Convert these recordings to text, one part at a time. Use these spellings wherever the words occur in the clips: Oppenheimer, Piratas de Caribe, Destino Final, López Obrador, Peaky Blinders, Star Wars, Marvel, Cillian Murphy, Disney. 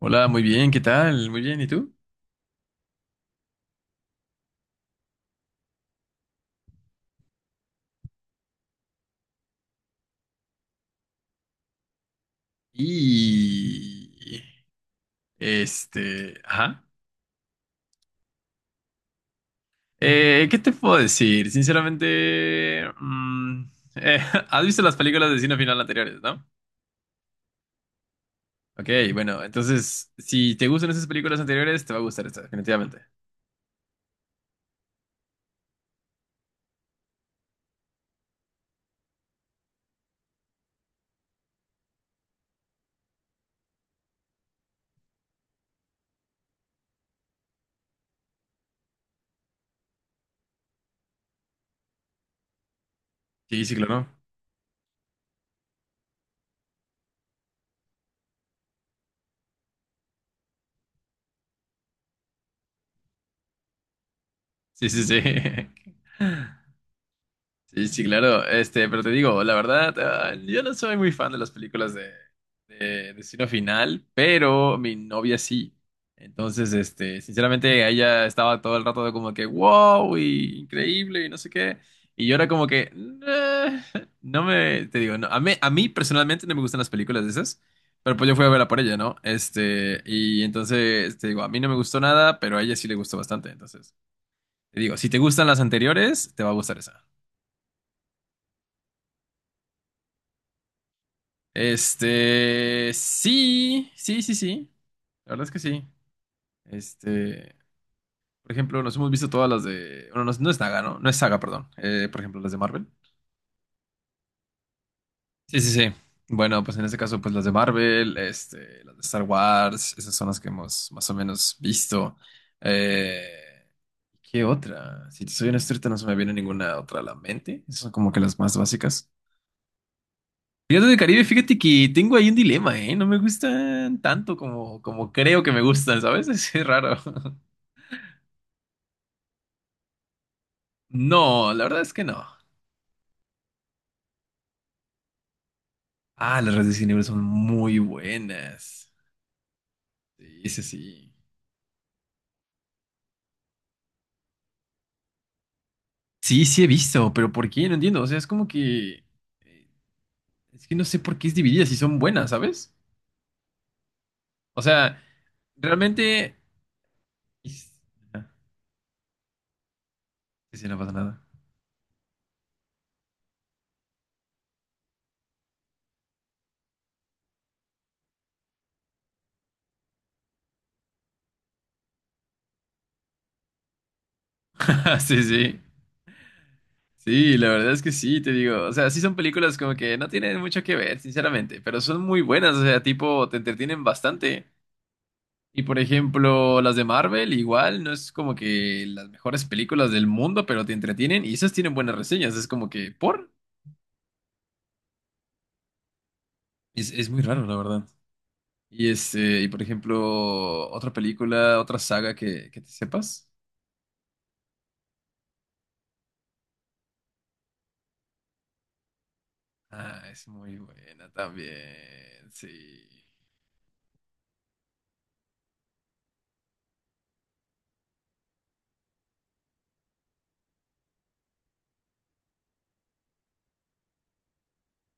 Hola, muy bien, ¿qué tal? Muy bien, ¿y tú? Y este, ajá. ¿Qué te puedo decir? Sinceramente, eh, has visto las películas de Destino Final anteriores, ¿no? Ok, bueno, entonces, si te gustan esas películas anteriores, te va a gustar esta, definitivamente. Sí, sí, claro. Sí, sí, sí. Sí, sí, claro. Este, pero te digo, la verdad, yo no soy muy fan de las películas de Destino Final, pero mi novia sí. Entonces, este, sinceramente, ella estaba todo el rato de como que, wow, y increíble, y no sé qué. Y yo era como que, "Nah", te digo, no, a mí personalmente no me gustan las películas de esas, pero pues yo fui a verla por ella, ¿no? Este, y entonces, te digo, a mí no me gustó nada, pero a ella sí le gustó bastante. Entonces, te digo, si te gustan las anteriores, te va a gustar esa. Este, sí, sí, sí, sí. La verdad es que sí. Este, por ejemplo, nos hemos visto todas las de. Bueno, no, es no es saga, ¿no? No es saga, perdón. Por ejemplo, las de Marvel. Sí, sí, sí. Bueno, pues en este caso, pues las de Marvel, este, las de Star Wars, esas son las que hemos más o menos visto. Eh, ¿Qué otra? Si te soy honesto, ahorita no se me viene ninguna otra a la mente. Esas son como que las más básicas. Piratas de Caribe, fíjate que tengo ahí un dilema, ¿eh? No me gustan tanto como, como creo que me gustan, ¿sabes? Es raro. No, la verdad es que no. Ah, las redes de Cine son muy buenas. Sí, sí, sí. Sí, sí he visto, pero ¿por qué? No entiendo. O sea, es como que eh, es que no sé por qué es dividida si son buenas, ¿sabes? O sea, realmente is- ah, sí, sí, no pasa nada. Sí, sí. Sí, la verdad es que sí, te digo. O sea, sí son películas como que no tienen mucho que ver, sinceramente, pero son muy buenas. O sea, tipo, te entretienen bastante. Y por ejemplo, las de Marvel, igual, no es como que las mejores películas del mundo, pero te entretienen y esas tienen buenas reseñas. Es como que, ¿por? Es muy raro, la verdad. Y este, y por ejemplo, otra película, otra saga que te sepas. Ah, es muy buena también, sí.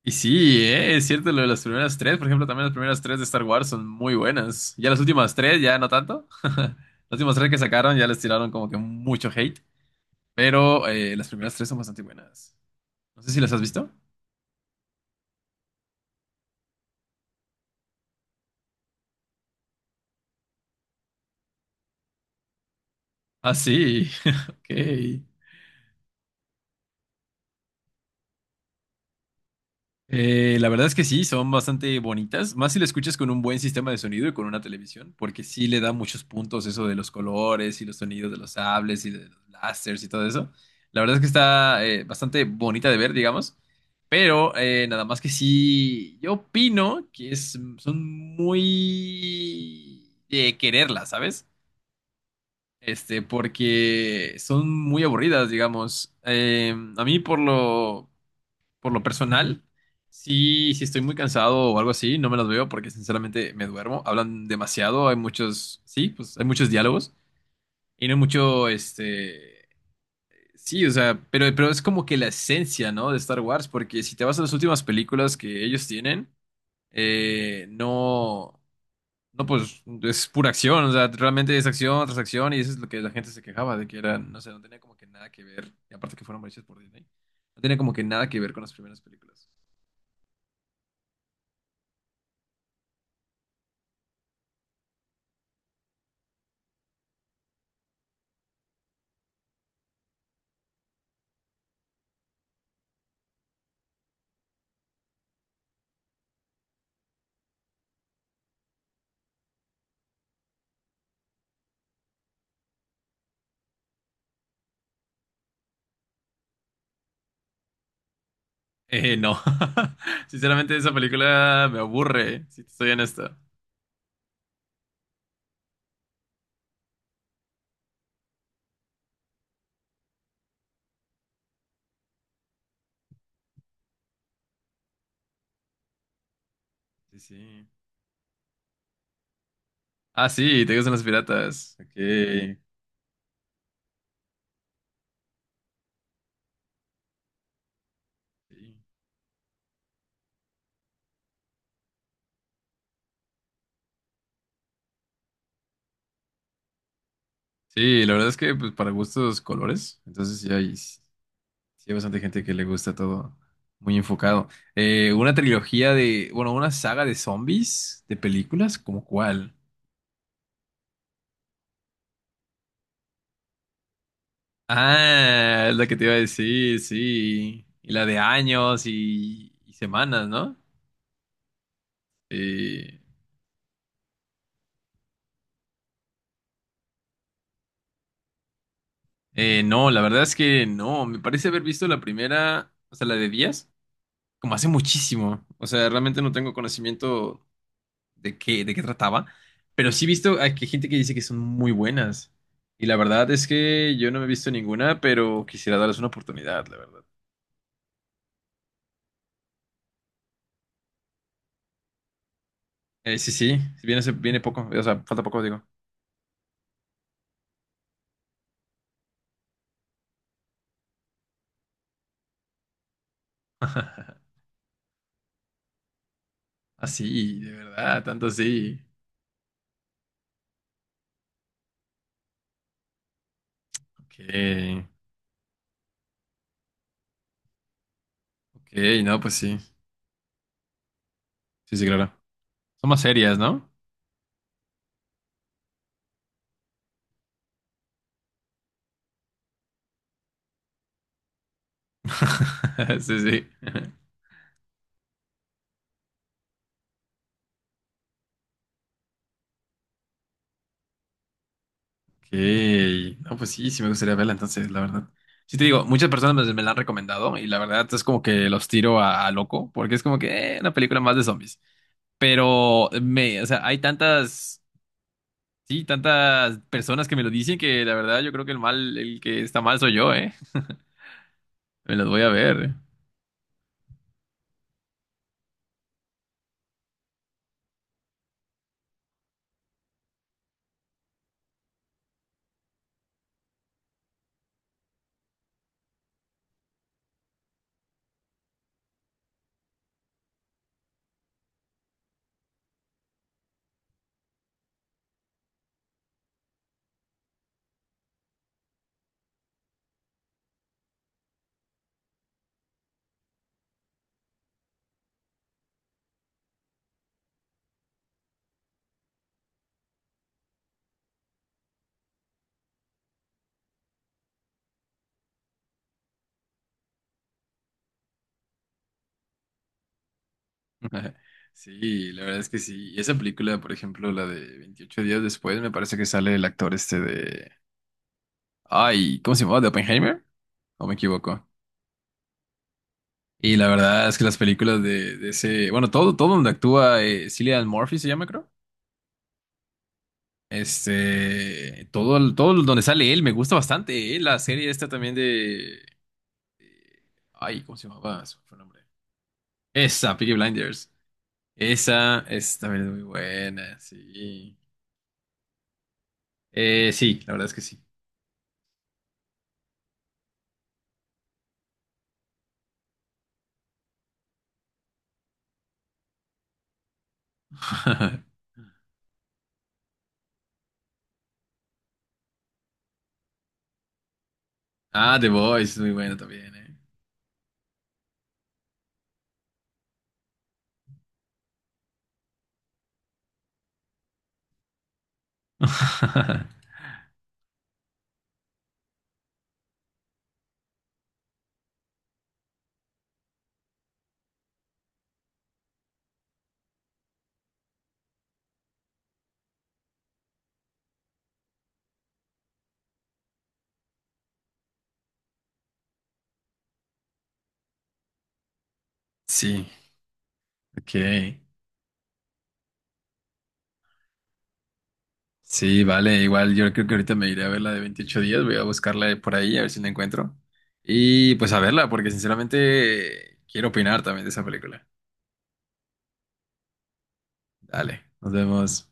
Y sí, es cierto, lo de las primeras tres, por ejemplo, también las primeras tres de Star Wars son muy buenas. Ya las últimas tres, ya no tanto. Las últimas tres que sacaron ya les tiraron como que mucho hate, pero las primeras tres son bastante buenas. No sé si las has visto. Ah, sí, ok. La verdad es que sí, son bastante bonitas, más si lo escuchas con un buen sistema de sonido y con una televisión, porque sí le da muchos puntos eso de los colores y los sonidos de los sables y de los láseres y todo eso. La verdad es que está bastante bonita de ver, digamos, pero nada más que sí, yo opino que es, son muy de quererlas, ¿sabes? Este, porque son muy aburridas, digamos. A mí por lo personal, sí, si estoy muy cansado o algo así, no me las veo porque sinceramente me duermo. Hablan demasiado, hay muchos, sí, pues hay muchos diálogos y no hay mucho, este, sí, o sea, pero es como que la esencia, ¿no? De Star Wars, porque si te vas a las últimas películas que ellos tienen, no, no, pues es pura acción, o sea, realmente es acción tras acción y eso es lo que la gente se quejaba de que era, no sé, no tenía como que nada que ver, y aparte que fueron hechas por Disney, no tenía como que nada que ver con las primeras películas. No. Sinceramente, esa película me aburre, si te soy honesto. Sí, sí. Ah, sí, te gustan los piratas. Ok. Sí, sí, la verdad es que pues, para gustos colores. Entonces sí hay bastante gente que le gusta todo muy enfocado. Una trilogía de, bueno, una saga de zombies, de películas, ¿como cuál? Ah, es la que te iba a decir, sí. Y la de años y semanas, ¿no? Sí. No, la verdad es que no. Me parece haber visto la primera, o sea, la de Díaz, como hace muchísimo. O sea, realmente no tengo conocimiento de qué trataba. Pero sí he visto a que gente que dice que son muy buenas. Y la verdad es que yo no me he visto ninguna, pero quisiera darles una oportunidad, la verdad. Sí, sí, viene, viene poco. O sea, falta poco, digo. Así, de verdad, tanto así. Ok, ok, no, pues sí. Sí, sí, claro. Son más serias, ¿no? Sí, sí. Ok. No, pues sí, sí me gustaría verla, entonces, la verdad. Sí te digo, muchas personas me la han recomendado y la verdad es como que los tiro a loco, porque es como que una película más de zombies. Pero o sea, hay tantas, sí, tantas personas que me lo dicen que la verdad yo creo que el que está mal soy yo, ¿eh? Me las voy a ver. Sí, la verdad es que sí. Y esa película, por ejemplo, la de 28 días después, me parece que sale el actor este de... Ay, ¿cómo se llamaba? ¿De Oppenheimer? ¿O me equivoco? Y la verdad es que las películas de ese, bueno, todo, todo donde actúa Cillian Murphy se llama, creo. Este, donde sale él me gusta bastante. La serie esta también de, ay, ¿cómo se llamaba? Se me fue el nombre. Esa, Peaky Blinders. Esa, es también es muy buena, sí. Sí, la verdad es que sí. Ah, The Voice es muy buena también, eh. Sí, ok. Sí, vale, igual yo creo que ahorita me iré a ver la de 28 días, voy a buscarla por ahí a ver si la encuentro. Y pues a verla, porque sinceramente quiero opinar también de esa película. Dale, nos vemos.